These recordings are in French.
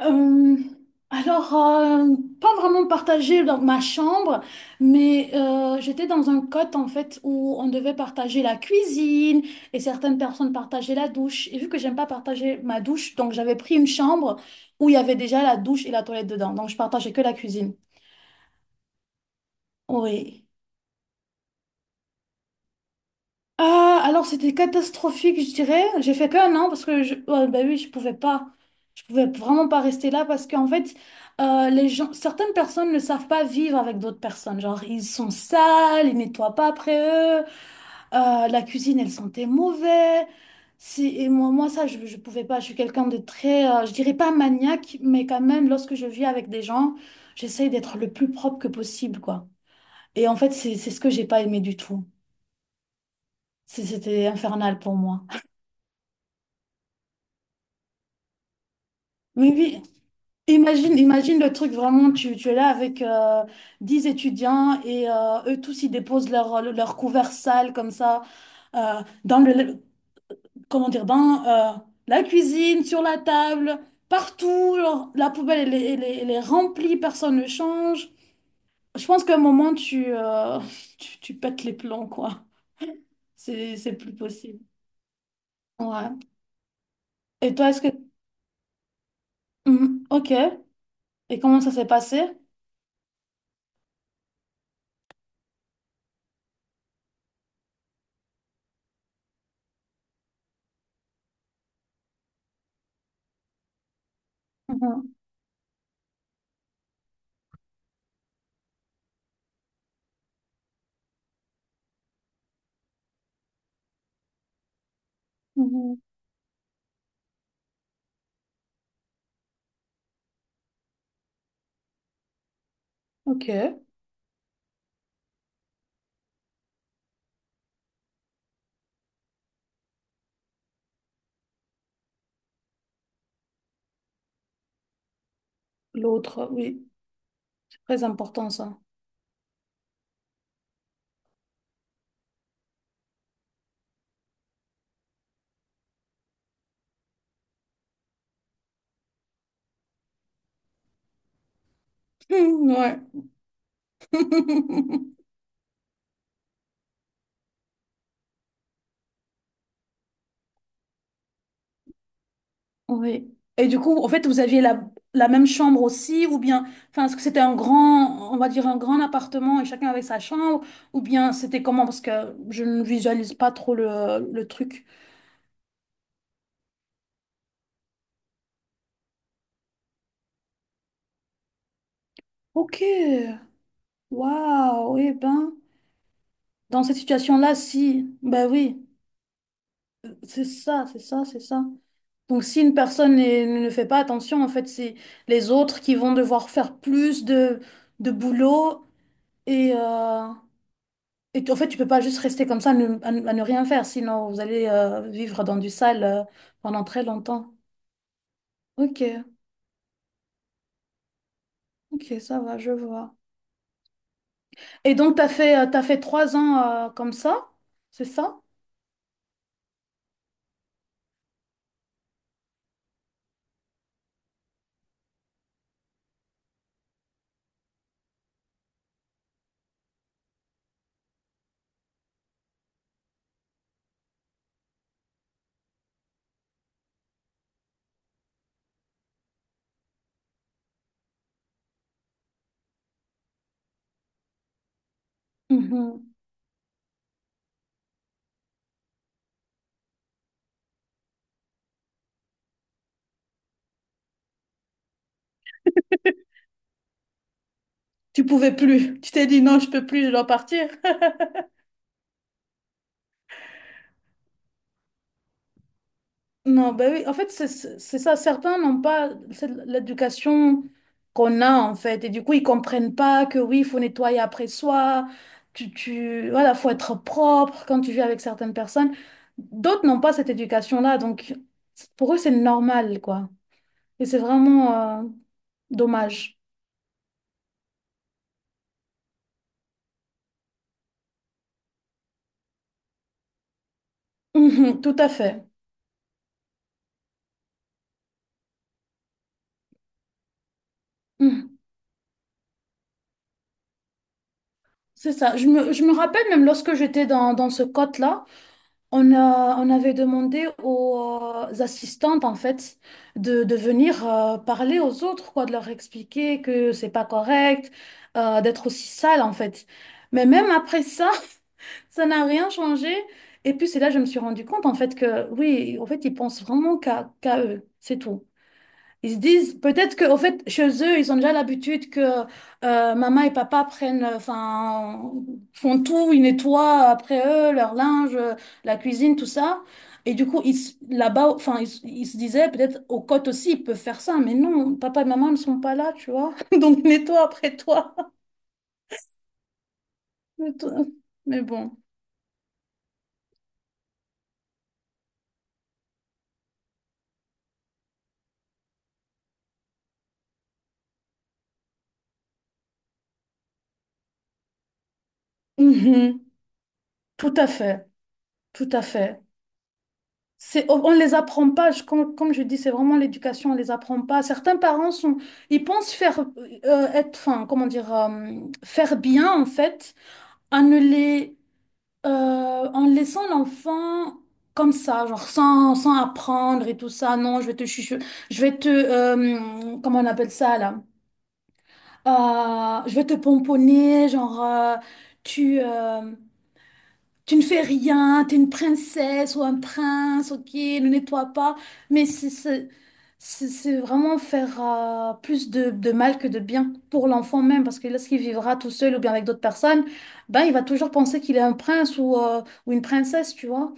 Euh, alors, pas vraiment partagé dans ma chambre, mais j'étais dans un cote en fait où on devait partager la cuisine et certaines personnes partageaient la douche. Et vu que j'aime pas partager ma douche, donc j'avais pris une chambre où il y avait déjà la douche et la toilette dedans. Donc je partageais que la cuisine. Oui. Ah, alors c'était catastrophique, je dirais. J'ai fait qu'un an parce que ouais, bah oui, je pouvais pas, je pouvais vraiment pas rester là parce qu'en fait, les gens, certaines personnes ne savent pas vivre avec d'autres personnes. Genre, ils sont sales, ils nettoient pas après eux, la cuisine, elle sentait mauvais. Si, et moi, ça, je pouvais pas. Je suis quelqu'un de très, je dirais pas maniaque, mais quand même, lorsque je vis avec des gens, j'essaye d'être le plus propre que possible, quoi. Et en fait, c'est ce que j'ai pas aimé du tout. C'était infernal pour moi. Oui, oui. Imagine le truc vraiment, tu es là avec 10 étudiants et eux tous ils déposent leur couvert sale comme ça, dans comment dire, dans la cuisine, sur la table, partout. La poubelle, elle est remplie, personne ne change. Je pense qu'à un moment tu pètes les plombs, quoi. C'est plus possible. Ouais. Et toi, est-ce que... Mhm. Ok. Et comment ça s'est passé? Mhm. Mhm. Ok. L'autre, oui. Très important ça. Hmm, ouais. Oui. Et du coup, en fait, vous aviez la même chambre aussi, ou bien, enfin, est-ce que c'était un grand, on va dire un grand appartement et chacun avait sa chambre, ou bien c'était comment? Parce que je ne visualise pas trop le truc. Ok. Waouh. Eh ben, dans cette situation-là, si, ben oui, c'est ça, c'est ça, c'est ça. Donc, si une personne ne fait pas attention, en fait, c'est les autres qui vont devoir faire plus de boulot. Et, en fait, tu peux pas juste rester comme ça à ne rien faire, sinon vous allez vivre dans du sale pendant très longtemps. Ok, ok, ça va, je vois. Et donc, t'as fait 3 ans, comme ça, c'est ça? Mhm. Tu pouvais plus. Tu t'es dit, non, je peux plus, je dois partir. Non, ben oui, en fait, c'est ça. Certains n'ont pas l'éducation qu'on a, en fait. Et du coup, ils comprennent pas que oui, il faut nettoyer après soi. Voilà, faut être propre quand tu vis avec certaines personnes. D'autres n'ont pas cette éducation-là. Donc, pour eux, c'est normal, quoi. Et c'est vraiment dommage. Mhm, tout à fait. Mhm. C'est ça. Je me rappelle même lorsque j'étais dans ce code là. On avait demandé aux assistantes en fait de venir parler aux autres quoi, de leur expliquer que c'est pas correct, d'être aussi sale en fait. Mais même après ça, ça n'a rien changé. Et puis c'est là que je me suis rendu compte en fait que oui, en fait ils pensent vraiment qu'à eux, c'est tout. Ils se disent peut-être qu'au fait, chez eux, ils ont déjà l'habitude que, maman et papa font tout, ils nettoient après eux, leur linge, la cuisine, tout ça. Et du coup, là-bas, enfin, ils se disaient peut-être aux côtes aussi, ils peuvent faire ça. Mais non, papa et maman ne sont pas là, tu vois. Donc, nettoie après toi. Nettoie. Mais bon. Mhm. Tout à fait. Tout à fait. On ne les apprend pas. Comme je dis, c'est vraiment l'éducation, on ne les apprend pas. Certains parents ils pensent comment dire, faire bien, en fait, en ne les, en laissant l'enfant comme ça, genre sans apprendre et tout ça. Non, je vais te chuchoter, comment on appelle ça, là? Je vais te pomponner, genre, tu, euh, tu ne fais rien, tu es une princesse ou un prince, ok, ne nettoie pas. Mais c'est vraiment faire, plus de mal que de bien pour l'enfant même, parce que lorsqu'il vivra tout seul ou bien avec d'autres personnes, ben, il va toujours penser qu'il est un prince, ou une princesse, tu vois.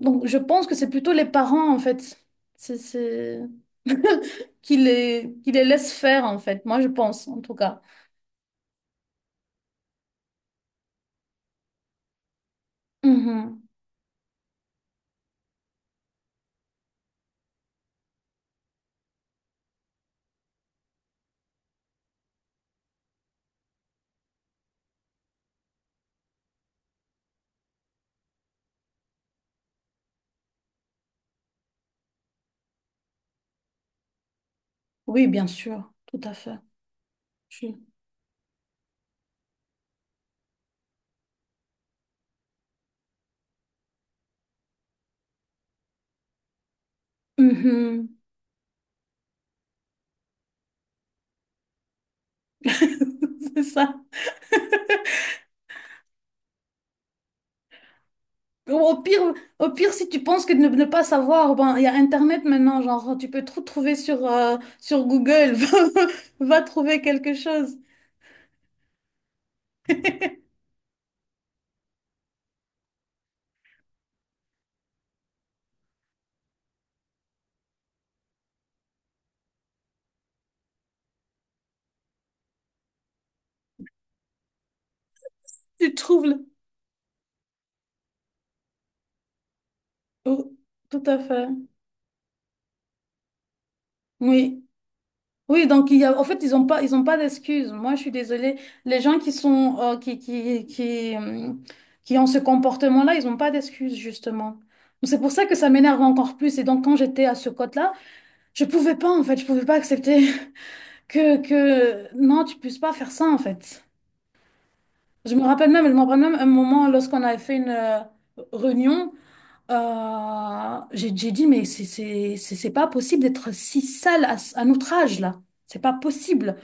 Donc je pense que c'est plutôt les parents, en fait, c'est, c'est... qui les laissent faire, en fait, moi je pense, en tout cas. Mhm. Oui, bien sûr, tout à fait. Je- Mhm. C'est ça. Ou au pire, au pire, si tu penses que ne pas savoir, ben, il y a Internet maintenant, genre, tu peux tout trouver sur Google. Va, va trouver quelque chose. Tu trouves le- Oh, tout à fait. Oui. Oui, donc il y a, en fait, ils ont pas d'excuses. Moi, je suis désolée. Les gens qui sont, qui ont ce comportement-là, ils n'ont pas d'excuses, justement. C'est pour ça que ça m'énerve encore plus. Et donc, quand j'étais à ce code là, je pouvais pas accepter que, non, tu puisses pas faire ça en fait. Je me rappelle même un moment lorsqu'on avait fait une, réunion, j'ai dit, mais c'est pas possible d'être si sale à notre âge là. C'est pas possible.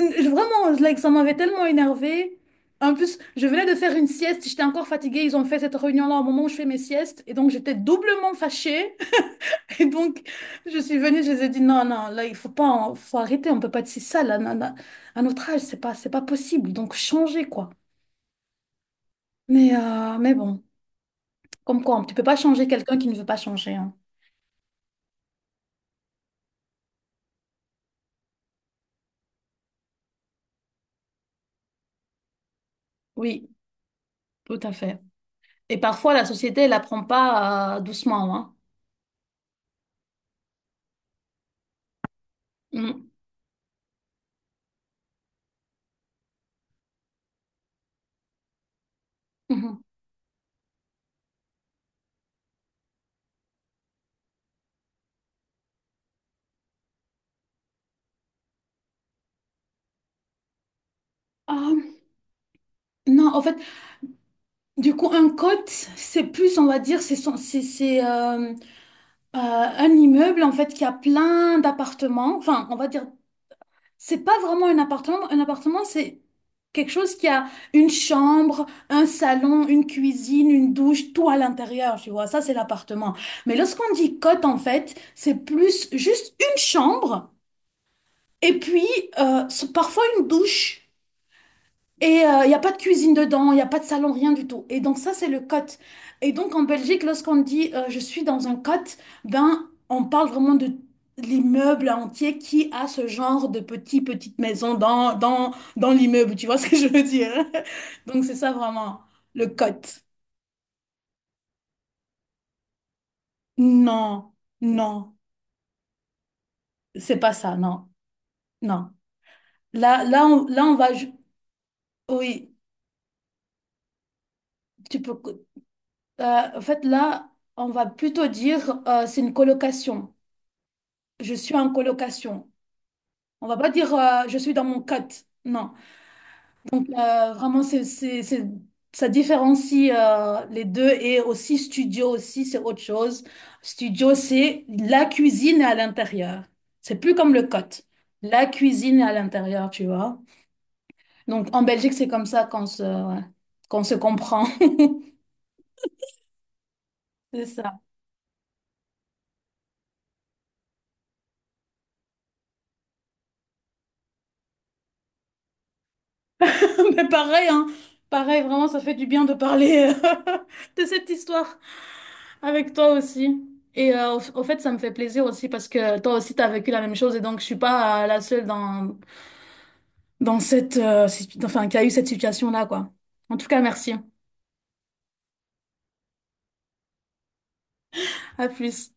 Vraiment, like, ça m'avait tellement énervée. En plus, je venais de faire une sieste, j'étais encore fatiguée. Ils ont fait cette réunion-là au moment où je fais mes siestes. Et donc, j'étais doublement fâchée. Et donc, je suis venue, je les ai dit, non, non, là, il faut pas, faut arrêter, on peut pas être si sale, à, à- à notre âge, c'est pas possible, donc changer, quoi. Mais bon, comme quoi, tu peux pas changer quelqu'un qui ne veut pas changer, hein. Oui, tout à fait. Et parfois, la société, elle apprend pas, doucement, hein. Mm. Mhm. Ah, non, en fait, du coup, un cote, c'est plus, on va dire, c'est, son- c'est, un immeuble, en fait, qui a plein d'appartements, enfin, on va dire. C'est pas vraiment un appartement. Un appartement, c'est quelque chose qui a une chambre, un salon, une cuisine, une douche, tout à l'intérieur, tu vois. Ça, c'est l'appartement. Mais lorsqu'on dit cote, en fait, c'est plus juste une chambre et puis, euh, parfois une douche. Et il n'y a pas de cuisine dedans, il n'y a pas de salon, rien du tout. Et donc ça, c'est le cote. Et donc en Belgique, lorsqu'on dit, je suis dans un cote, ben on parle vraiment de l'immeuble entier qui a ce genre de petite petite maison dans l'immeuble, tu vois ce que je veux dire? Donc c'est ça vraiment, le cote. Non, non, c'est pas ça, non, non. Là, là, on, là, on va... Oui, tu peux... euh, en fait, là, on va plutôt dire, c'est une colocation. Je suis en colocation. On va pas dire, je suis dans mon cote. Non. Vraiment, ça différencie, les deux et aussi studio aussi, c'est autre chose. Studio, c'est la cuisine est à l'intérieur. C'est plus comme le cote. La cuisine est à l'intérieur, tu vois. Donc en Belgique, c'est comme ça ouais, qu'on se comprend. C'est ça. Mais pareil, hein. Pareil, vraiment, ça fait du bien de parler, de cette histoire avec toi aussi. Et au fait, ça me fait plaisir aussi parce que toi aussi, t'as vécu la même chose et donc je suis pas, la seule dans cette, enfin, qui a eu cette situation-là, quoi. En tout cas, merci. À plus.